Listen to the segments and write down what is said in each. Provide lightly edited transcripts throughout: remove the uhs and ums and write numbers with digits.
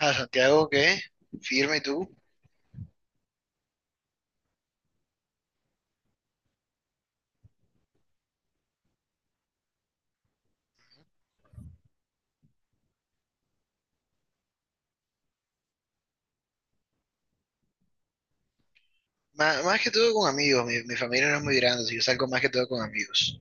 A Santiago, ¿qué? Firme, ¿y tú? Más que todo con amigos, mi familia no es muy grande, así que yo salgo más que todo con amigos.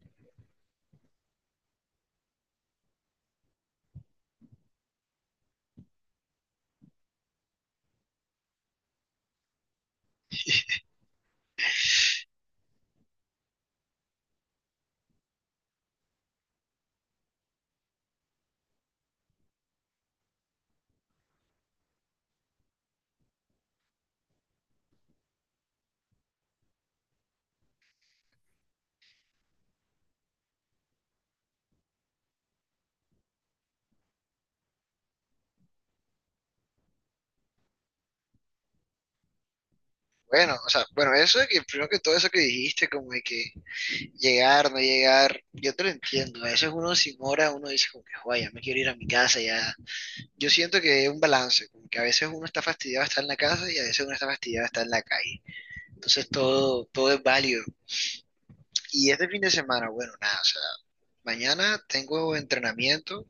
Bueno, o sea, bueno, eso de que primero que todo eso que dijiste, como de que llegar, no llegar, yo te lo entiendo. A veces uno sin hora, uno dice como que, "Joder, ya me quiero ir a mi casa, ya". Yo siento que es un balance, como que a veces uno está fastidiado de estar en la casa y a veces uno está fastidiado de estar en la calle. Entonces todo es válido. Y este fin de semana, bueno, nada, o sea, mañana tengo entrenamiento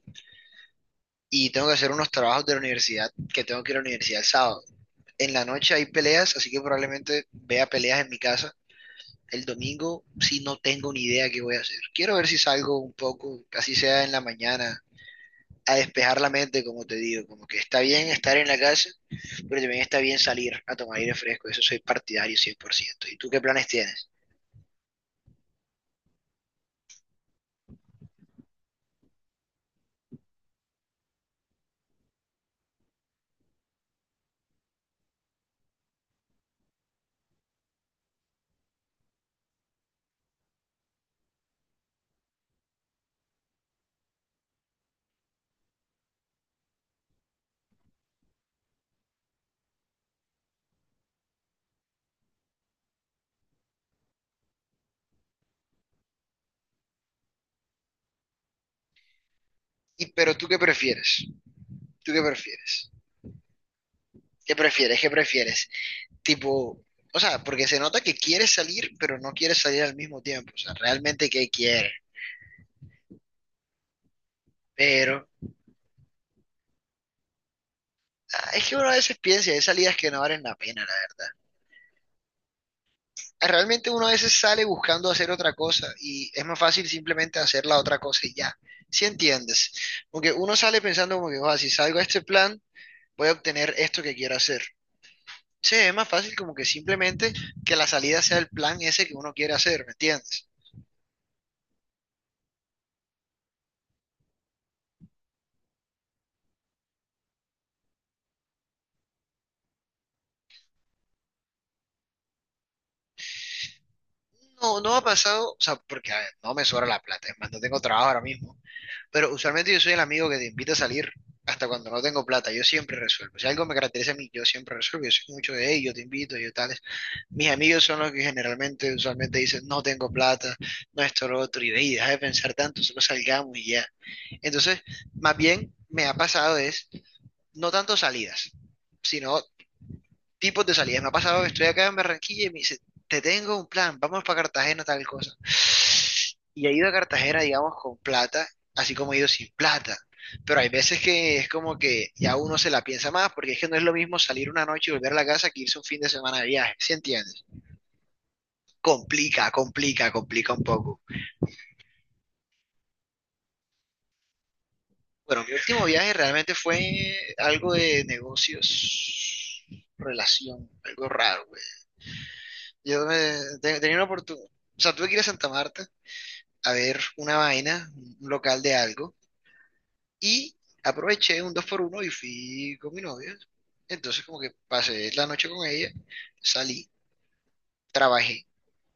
y tengo que hacer unos trabajos de la universidad, que tengo que ir a la universidad el sábado. En la noche hay peleas, así que probablemente vea peleas en mi casa. El domingo sí no tengo ni idea qué voy a hacer. Quiero ver si salgo un poco, así sea en la mañana, a despejar la mente, como te digo. Como que está bien estar en la casa, pero también está bien salir a tomar aire fresco. Eso soy partidario 100%. ¿Y tú qué planes tienes? Y, ¿pero tú qué prefieres? ¿Tú qué prefieres? ¿Qué prefieres? ¿Qué prefieres? Tipo, o sea, porque se nota que quiere salir, pero no quiere salir al mismo tiempo, o sea, realmente que quiere, pero es que uno a veces piensa, hay salidas que no valen la pena, la verdad. Ah, realmente uno a veces sale buscando hacer otra cosa y es más fácil simplemente hacer la otra cosa y ya, si entiendes? Porque uno sale pensando como que, "Joda, si salgo a este plan, voy a obtener esto que quiero hacer". Sí, es más fácil como que simplemente que la salida sea el plan ese que uno quiere hacer, ¿me entiendes? No, no ha pasado, o sea, porque a ver, no me sobra la plata, es más, no tengo trabajo ahora mismo, pero usualmente yo soy el amigo que te invita a salir hasta cuando no tengo plata. Yo siempre resuelvo, si algo me caracteriza a mí, yo siempre resuelvo. Yo soy mucho de, hey, yo te invito, yo tales. Mis amigos son los que generalmente, usualmente dicen, no tengo plata, no esto, lo otro, y ve, y deja de pensar tanto, solo salgamos y ya. Entonces, más bien, me ha pasado es, no tanto salidas, sino tipos de salidas. Me ha pasado que estoy acá en Barranquilla y me dice, te tengo un plan, vamos para Cartagena, tal cosa. Y he ido a Cartagena, digamos, con plata, así como he ido sin plata. Pero hay veces que es como que ya uno se la piensa más, porque es que no es lo mismo salir una noche y volver a la casa que irse un fin de semana de viaje, ¿sí entiendes? Complica, complica, complica un poco. Bueno, mi último viaje realmente fue algo de negocios, relación, algo raro, güey. Yo me, tenía una oportunidad, o sea, tuve que ir a Santa Marta a ver una vaina, un local de algo, y aproveché un 2x1 y fui con mi novia. Entonces como que pasé la noche con ella, salí, trabajé,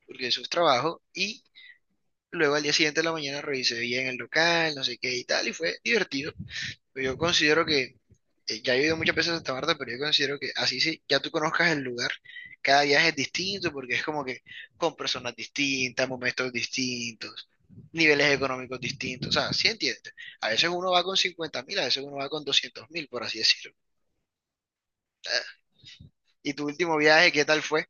porque eso es trabajo, y luego al día siguiente de la mañana revisé bien el local, no sé qué y tal, y fue divertido. Yo considero que, ya he ido muchas veces a Santa Marta, pero yo considero que así sí, ya tú conozcas el lugar, cada viaje es distinto porque es como que con personas distintas, momentos distintos, niveles económicos distintos, o sea, sí entiendes. A veces uno va con 50.000, a veces uno va con 200.000, por así decirlo. Ah, ¿y tu último viaje, qué tal fue?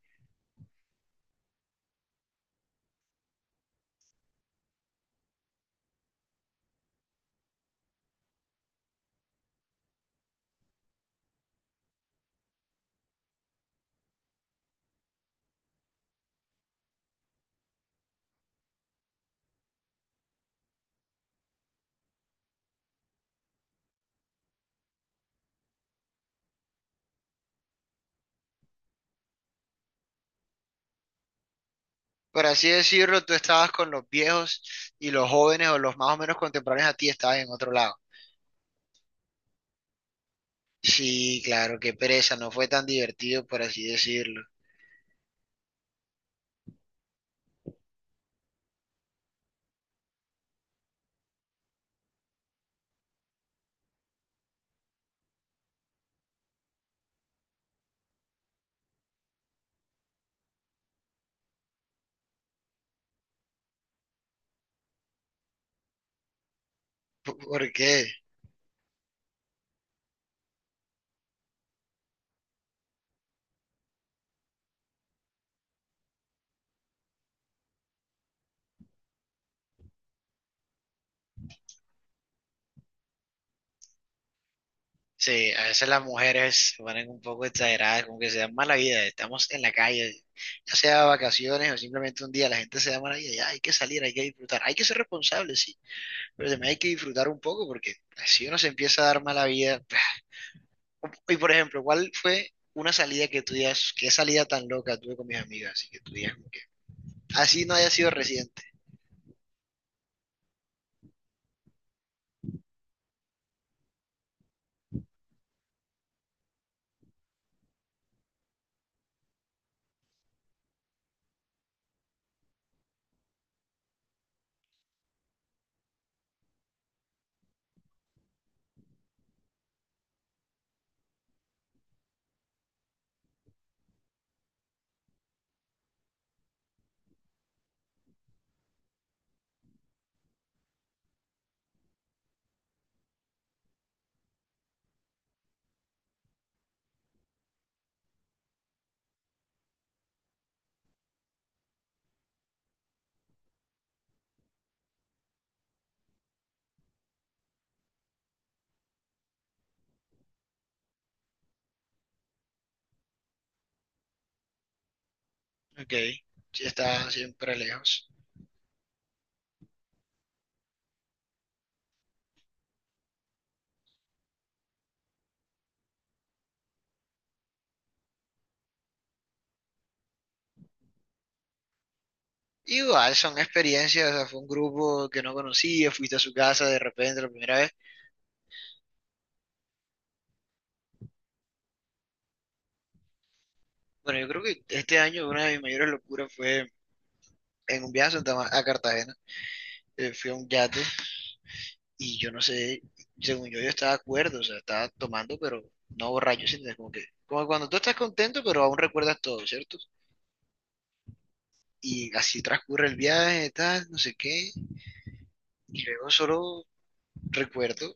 Por así decirlo, tú estabas con los viejos y los jóvenes o los más o menos contemporáneos a ti estaban en otro lado. Sí, claro, qué pereza, no fue tan divertido, por así decirlo. ¿Por qué? Sí, a veces las mujeres se ponen un poco exageradas, como que se dan mala vida. Estamos en la calle, ya sea vacaciones o simplemente un día, la gente se da mala vida. Ya hay que salir, hay que disfrutar, hay que ser responsable, sí, pero también hay que disfrutar un poco porque si uno se empieza a dar mala vida. Y por ejemplo, ¿cuál fue una salida que tú digas, qué salida tan loca tuve con mis amigas? Así que tú digas, como que así no haya sido reciente. Ok, sí, está siempre lejos. Igual, son experiencias, o sea, fue un grupo que no conocía, fuiste a su casa de repente la primera vez. Bueno, yo creo que este año una de mis mayores locuras fue en un viaje a, Santa Ma- a Cartagena. Fui a un yate y yo no sé, según yo, yo estaba acuerdo, o sea, estaba tomando, pero no borracho, sino como que, como cuando tú estás contento, pero aún recuerdas todo, ¿cierto? Y así transcurre el viaje, tal, no sé qué. Y luego solo recuerdo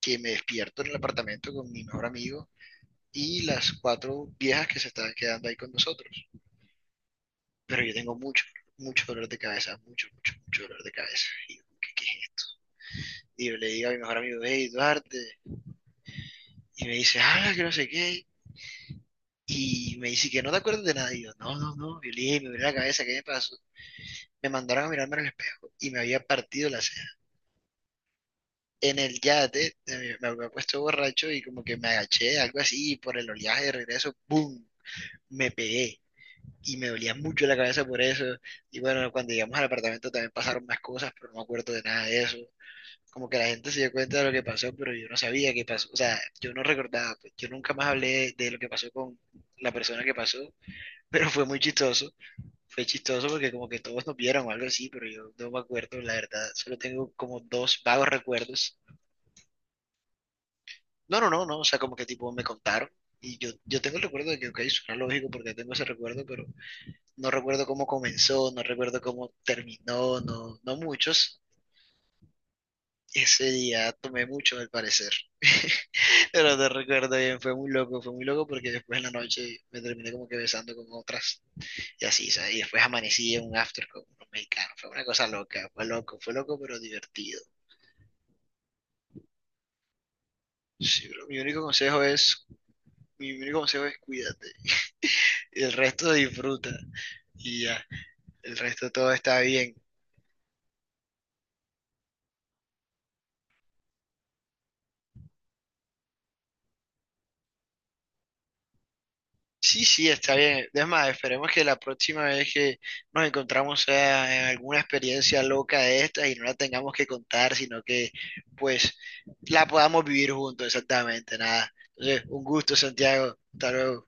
que me despierto en el apartamento con mi mejor amigo y las cuatro viejas que se estaban quedando ahí con nosotros. Pero yo tengo mucho, mucho dolor de cabeza, mucho, mucho, mucho dolor de cabeza. Y yo, ¿qué, qué y le digo a mi mejor amigo, hey, Duarte, y me dice, ah, que no sé qué, y me dice que no te acuerdas de nada, y yo, no, no, no, y yo le dije, me miré la cabeza, ¿qué me pasó? Me mandaron a mirarme en el espejo y me había partido la ceja. En el yate me había puesto borracho y como que me agaché, algo así, y por el oleaje de regreso, ¡boom! Me pegué y me dolía mucho la cabeza por eso. Y bueno, cuando llegamos al apartamento también pasaron más cosas, pero no me acuerdo de nada de eso. Como que la gente se dio cuenta de lo que pasó, pero yo no sabía qué pasó. O sea, yo no recordaba, pues, yo nunca más hablé de lo que pasó con la persona que pasó, pero fue muy chistoso. Fue chistoso porque como que todos nos vieron o algo así, pero yo no me acuerdo, la verdad. Solo tengo como dos vagos recuerdos. No, no, no, no. O sea, como que tipo me contaron. Y yo tengo el recuerdo de que, ok, suena lógico porque tengo ese recuerdo, pero no recuerdo cómo comenzó, no recuerdo cómo terminó, no, no muchos. Ese día tomé mucho, al parecer. Pero te recuerdo bien, fue muy loco porque después en la noche me terminé como que besando con otras y así, ¿sabes? Y después amanecí en un after con unos mexicanos. Fue una cosa loca, fue loco, pero divertido. Sí, bro, mi único consejo es cuídate. Y el resto disfruta. Y ya, el resto todo está bien. Sí, sí, está bien. Es más, esperemos que la próxima vez que nos encontramos sea en alguna experiencia loca de estas y no la tengamos que contar, sino que pues la podamos vivir juntos, exactamente, nada. Entonces, un gusto, Santiago. Hasta luego.